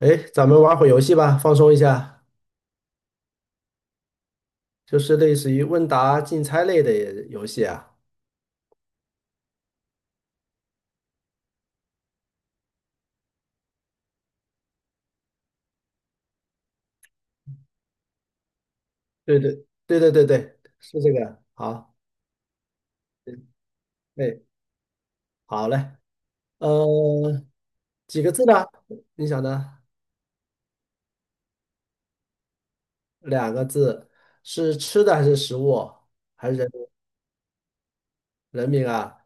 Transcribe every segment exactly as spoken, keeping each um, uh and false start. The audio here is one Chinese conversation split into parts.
哎，咱们玩会游戏吧，放松一下，就是类似于问答竞猜类的游戏啊。对对对对对对，是这个。好，嗯哎，好嘞，呃，几个字呢？你想呢？两个字，是吃的还是食物，还是人人名啊？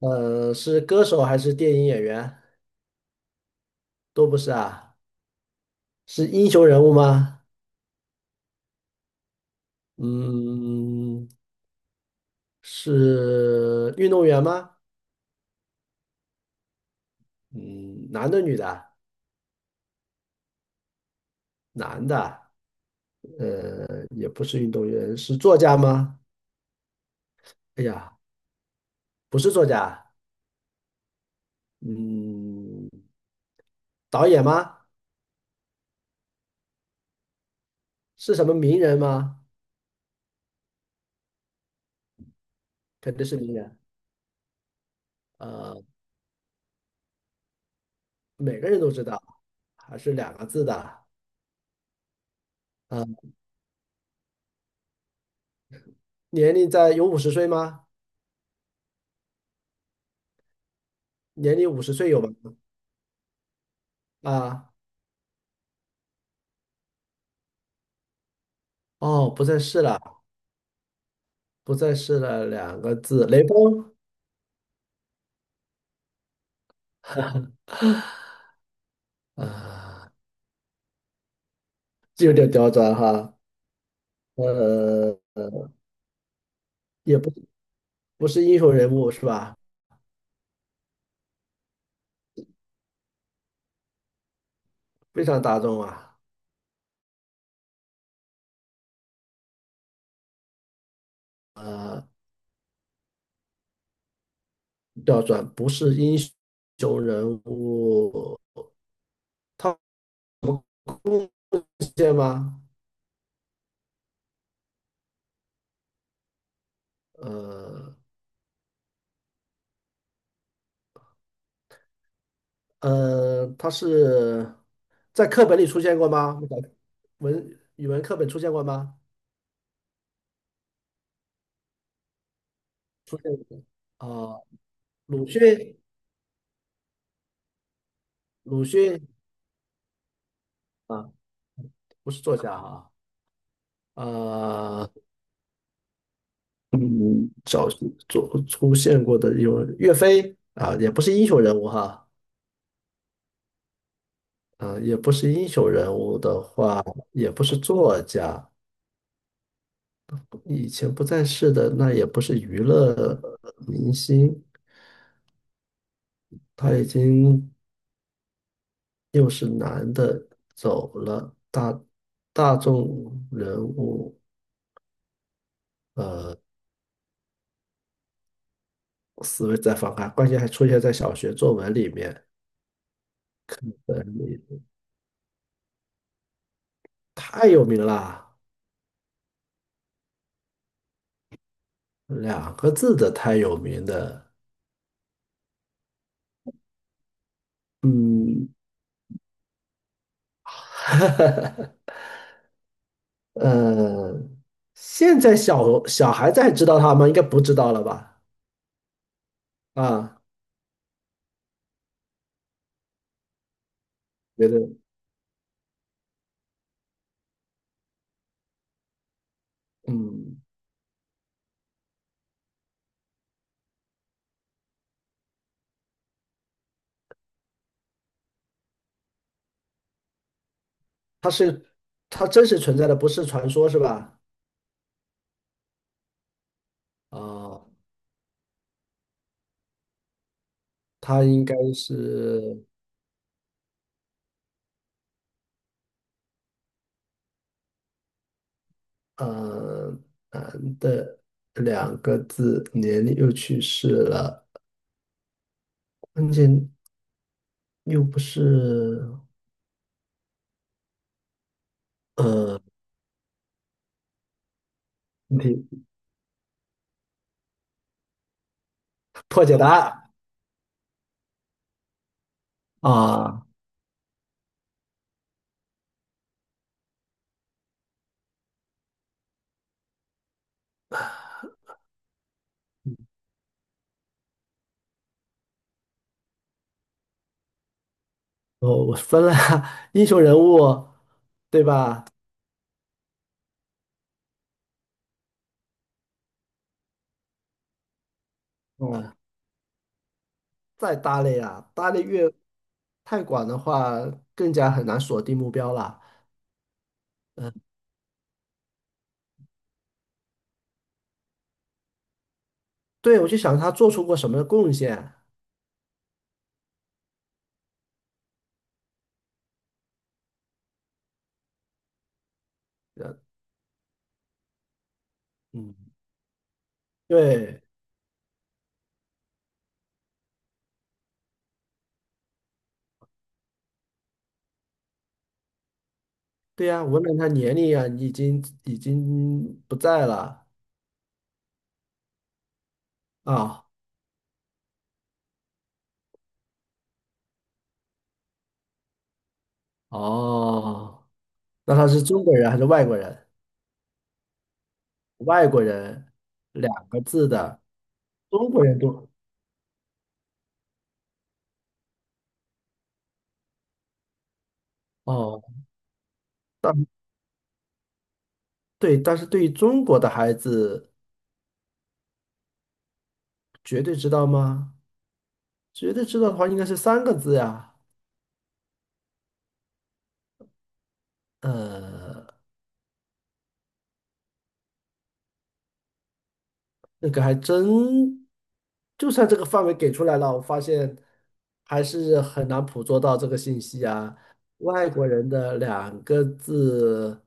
呃，是歌手还是电影演员？都不是啊，是英雄人物吗？嗯，是运动员吗？嗯，男的女的啊？男的。呃，也不是运动员，是作家吗？哎呀，不是作家，嗯，导演吗？是什么名人吗？肯定是名人，呃，每个人都知道，还是两个字的，呃，年龄在有五十岁吗？年龄五十岁有吗？啊，哦，不再是了，不再是了，两个字，雷锋啊，这有点刁钻哈，呃，也不不是英雄人物是吧？非常大众啊。呃调转，不是英雄人物，他贡献吗？呃呃，他是在课本里出现过吗？文语文课本出现过吗？出现过啊，鲁迅，鲁迅啊，不是作家啊，呃，嗯，找做出现过的有岳飞啊，也不是英雄人物哈，啊，也不是英雄人物的话，也不是作家，以前不在世的那也不是娱乐呃明星，他已经又是男的走了，大大众人物，呃，思维在放开，关键还出现在小学作文里面，呃，太有名了，两个字的太有名的，嗯，呃，现在小小孩子还知道他吗？应该不知道了吧？啊，觉得，嗯。它真实存在的不是传说是吧？啊、它应该是呃男的两个字，年龄又去世了，关键又不是呃问题破解答案啊，我我分了 英雄人物对吧？嗯，啊再搭类啊，搭类越太广的话，更加很难锁定目标了。嗯，对，我就想他做出过什么贡献。呃嗯。对对呀，无论他年龄啊，已经已经不在了啊。哦，那他是中国人还是外国人？外国人两个字的，中国人都哦，但对，但是对于中国的孩子，绝对知道吗？绝对知道的话，应该是三个字呀。呃，那个还真，就算这个范围给出来了，我发现还是很难捕捉到这个信息啊。外国人的两个字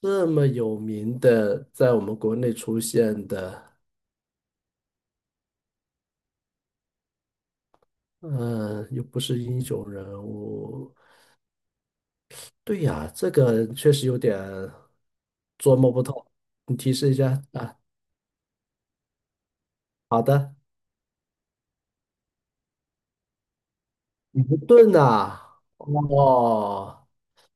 这么有名的，在我们国内出现的，嗯、又不是英雄人物，对呀，这个确实有点琢磨不透。你提示一下啊？好的，尼克顿呐，哦。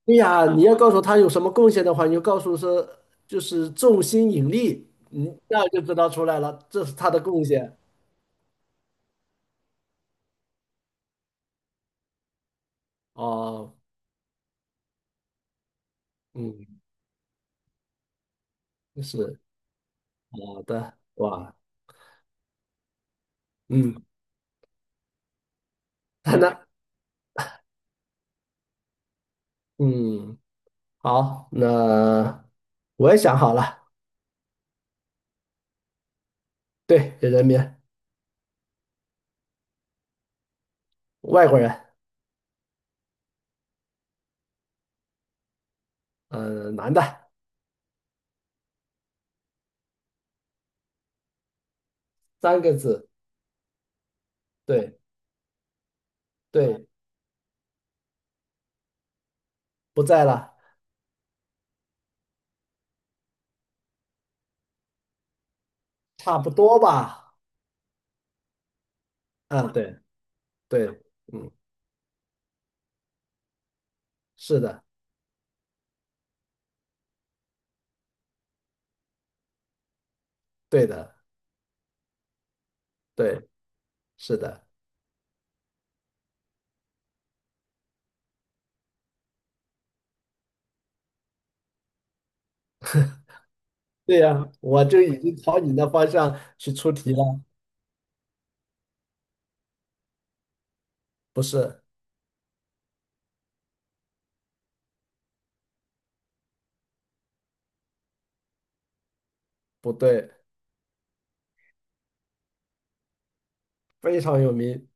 对呀，你要告诉他有什么贡献的话，你就告诉说就是重心引力，嗯，那就知道出来了，这是他的贡献。哦，嗯，是好的，哇，嗯，那嗯，好，那我也想好了，对，人民，外国人，呃，男的，三个字，对对，不在了，差不多吧，嗯，对对，嗯，是的，对的，对，是的。对呀，我就已经朝你那方向去出题了。不是，不对，非常有名，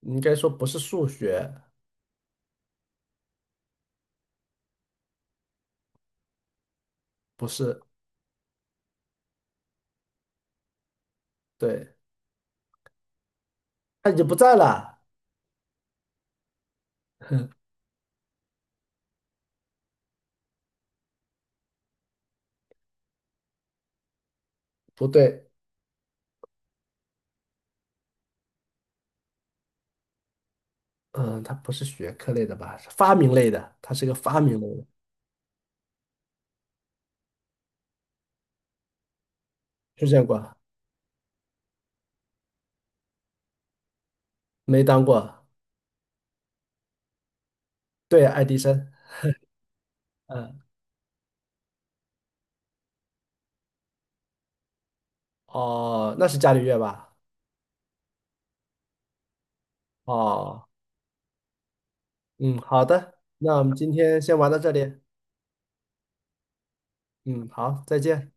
你应该说不是数学，不是，对，他已经不在了。不对，嗯，他不是学科类的吧？是发明类的，他是个发明类的，出现过，没当过。对，爱迪生，嗯，哦，那是伽利略吧？哦，嗯，好的，那我们今天先玩到这里，嗯，好，再见。